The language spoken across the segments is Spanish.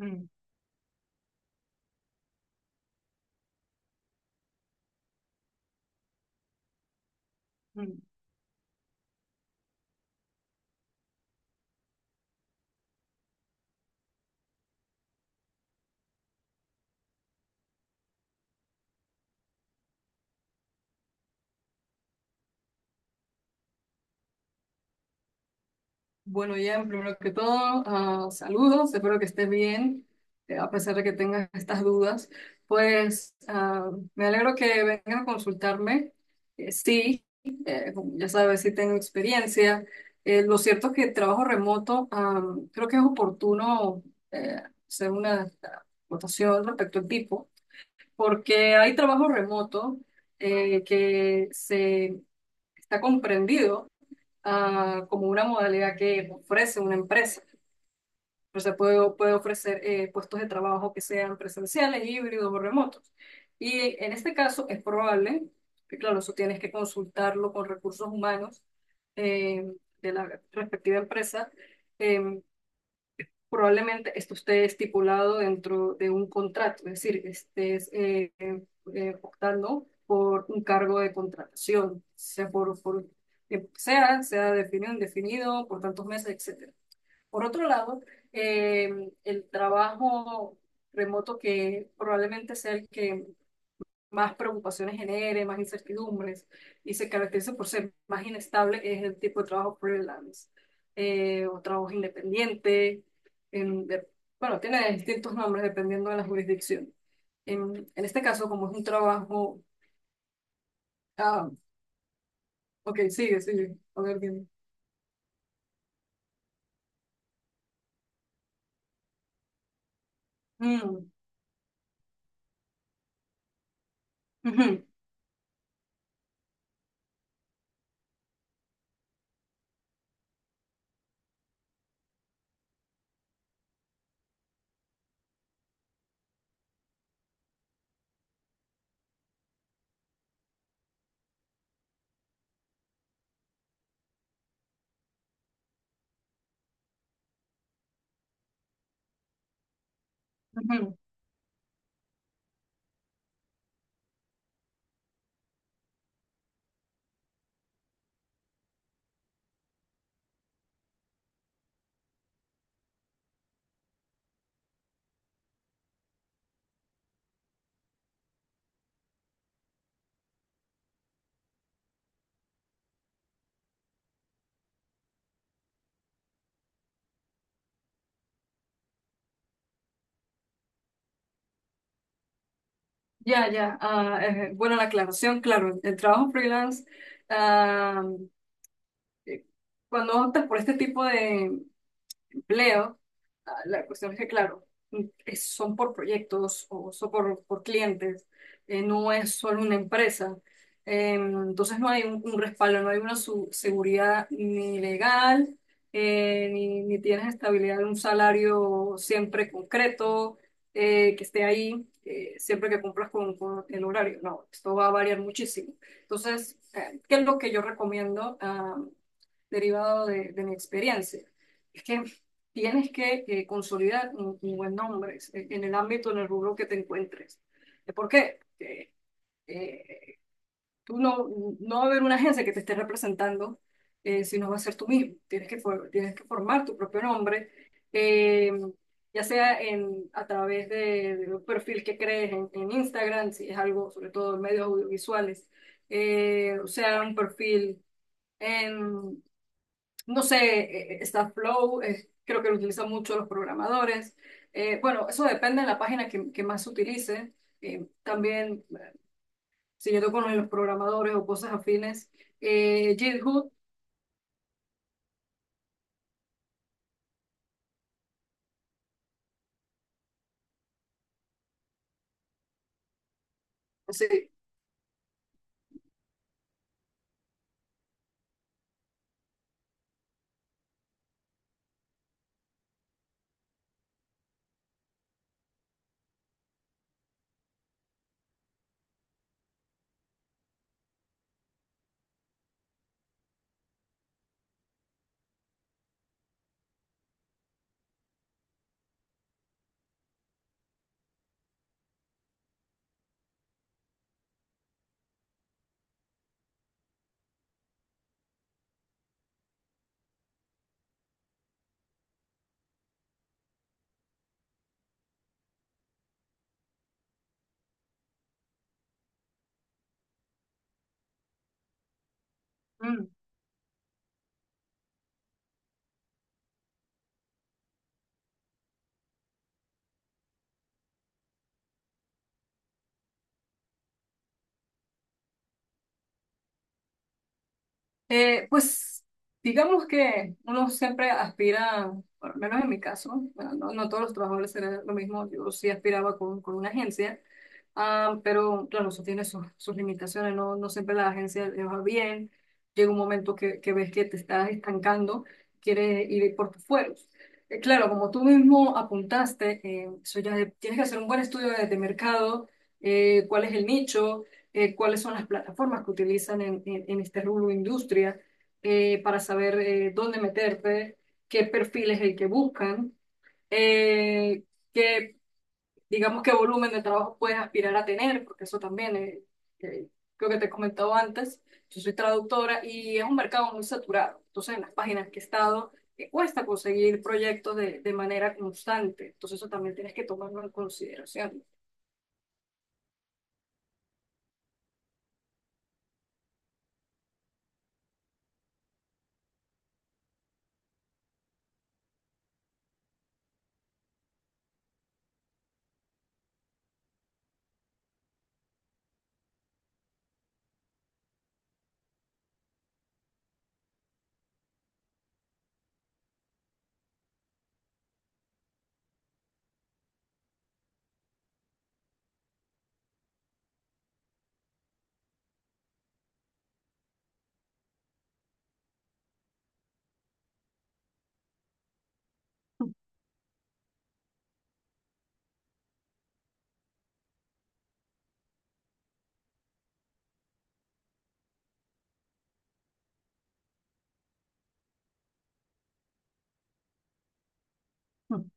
Mm, mm. Bueno, Ian, primero que todo, saludos, espero que estés bien, a pesar de que tengas estas dudas. Pues me alegro que vengan a consultarme. Sí, como ya sabes, sí tengo experiencia. Lo cierto es que el trabajo remoto, creo que es oportuno eh, hacer una votación respecto al tipo, porque hay trabajo remoto que se está comprendido como una modalidad que ofrece una empresa. O sea, puede ofrecer puestos de trabajo que sean presenciales, híbridos o remotos. Y en este caso es probable, que claro, eso tienes que consultarlo con recursos humanos, eh, de la respectiva empresa, eh, probablemente esto esté estipulado dentro de un contrato, es decir, estés optando por un cargo de contratación, sea por sea definido, indefinido, por tantos meses, etcétera. Por otro lado, el trabajo remoto que probablemente sea el que más preocupaciones genere, más incertidumbres y se caracteriza por ser más inestable, es el tipo de trabajo freelance, o trabajo independiente. en- de- bueno, tiene distintos nombres dependiendo de la jurisdicción. En este caso, como es un trabajo... Ah, ok, sigue, sigue. A ver, dime. Mm, ujú, ujú. Ya, ya. Bueno, la aclaración, claro, el trabajo freelance, ah, eh, cuando optas por este tipo de empleo, la cuestión es que, claro, son por proyectos o son por clientes, no es solo una empresa. Entonces no hay un respaldo, no hay una seguridad ni legal, ni tienes estabilidad de un salario siempre concreto, que esté ahí, siempre que cumplas con el horario. No, esto va a variar muchísimo. Entonces, ¿qué es lo que yo recomiendo? Derivado de mi experiencia. Es que tienes que consolidar un buen nombre en el ámbito, en el rubro que te encuentres. ¿Por qué? Porque, eh, tú no, no va a haber una agencia que te esté representando, si no va a ser tú mismo. Tienes tienes que formar tu propio nombre, eh, ya sea en, a través de un perfil que crees en Instagram, si es algo, sobre todo en medios audiovisuales, o sea, un perfil en, no sé, está Flow, creo que lo utilizan mucho los programadores. Bueno, eso depende de la página que más se utilice. También, si yo toco con los programadores o cosas afines, GitHub, sí. Pues digamos que uno siempre aspira, por lo menos en mi caso, bueno, no, no todos los trabajadores serán lo mismo, yo sí aspiraba con una agencia, pero claro, eso tiene sus limitaciones, no, no siempre la agencia le va bien, llega un momento que ves que te estás estancando, quieres ir por tus fueros. Claro, como tú mismo apuntaste, eso ya tienes que hacer un buen estudio de mercado, cuál es el nicho, cuáles son las plataformas que utilizan en este rubro industria, para saber dónde meterte, qué perfil es el que buscan, eh, qué, digamos, qué volumen de trabajo puedes aspirar a tener, porque eso también eh, creo que te he comentado antes, yo soy traductora y es un mercado muy saturado, entonces en las páginas que he estado cuesta conseguir proyectos de manera constante, entonces eso también tienes que tomarlo en consideración.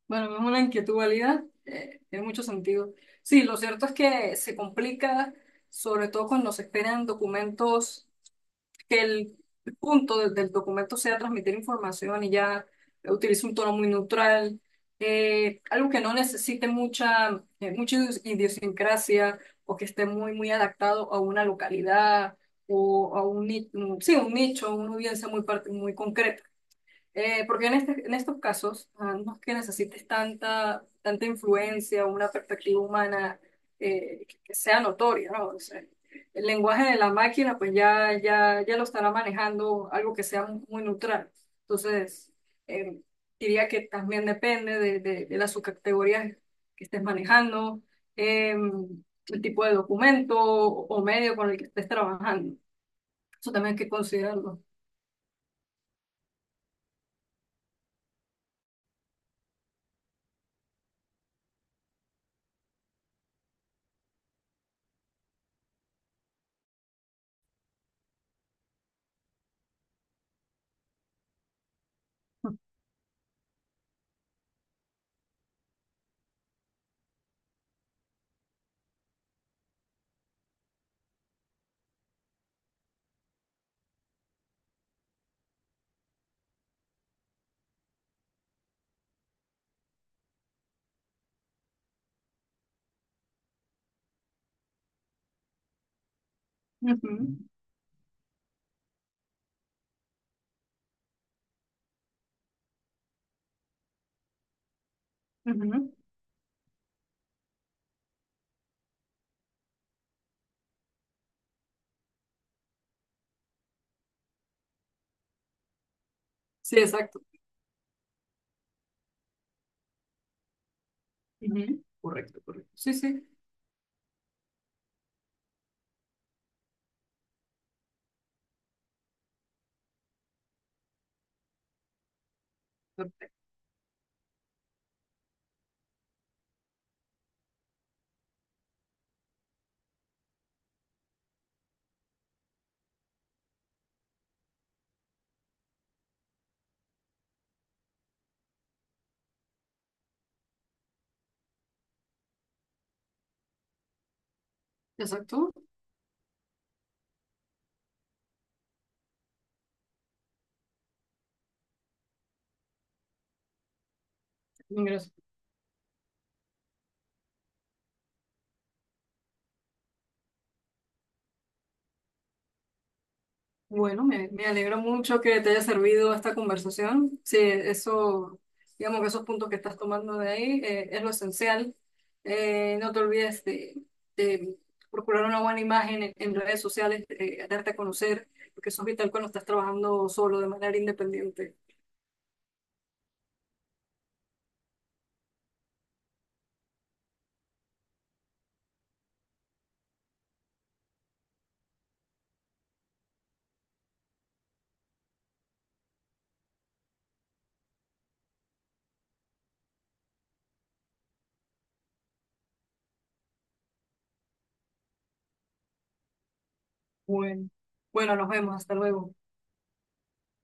Bueno, es una inquietud válida, tiene mucho sentido. Sí, lo cierto es que se complica, sobre todo cuando se esperan documentos, que el del documento sea transmitir información y ya utilice un tono muy neutral, algo que no necesite mucha, idiosincrasia o que esté muy, muy adaptado a una localidad o a un, ni- un- sí, un nicho, una audiencia muy concreta. Porque en, en estos casos no es que necesites tanta, tanta influencia o una perspectiva humana que sea notoria, ¿no? O sea, el lenguaje de la máquina pues ya lo estará manejando algo que sea muy, muy neutral. Entonces, eh, diría que también depende de las subcategorías que estés manejando, eh, el tipo de documento o medio con el que estés trabajando. Eso también hay que considerarlo. Ujú, ujú. Sí, exacto. Ujú. Correcto, correcto. Sí, sí, perfecto. Exacto. Ingreso. Bueno, me alegro mucho que te haya servido esta conversación. Sí, eso, digamos que esos puntos que estás tomando de ahí es lo esencial. No te olvides de procurar una buena imagen en redes sociales, darte a conocer, porque eso es vital cuando estás trabajando solo de manera independiente. Bueno, bueno, nos vemos. Hasta luego.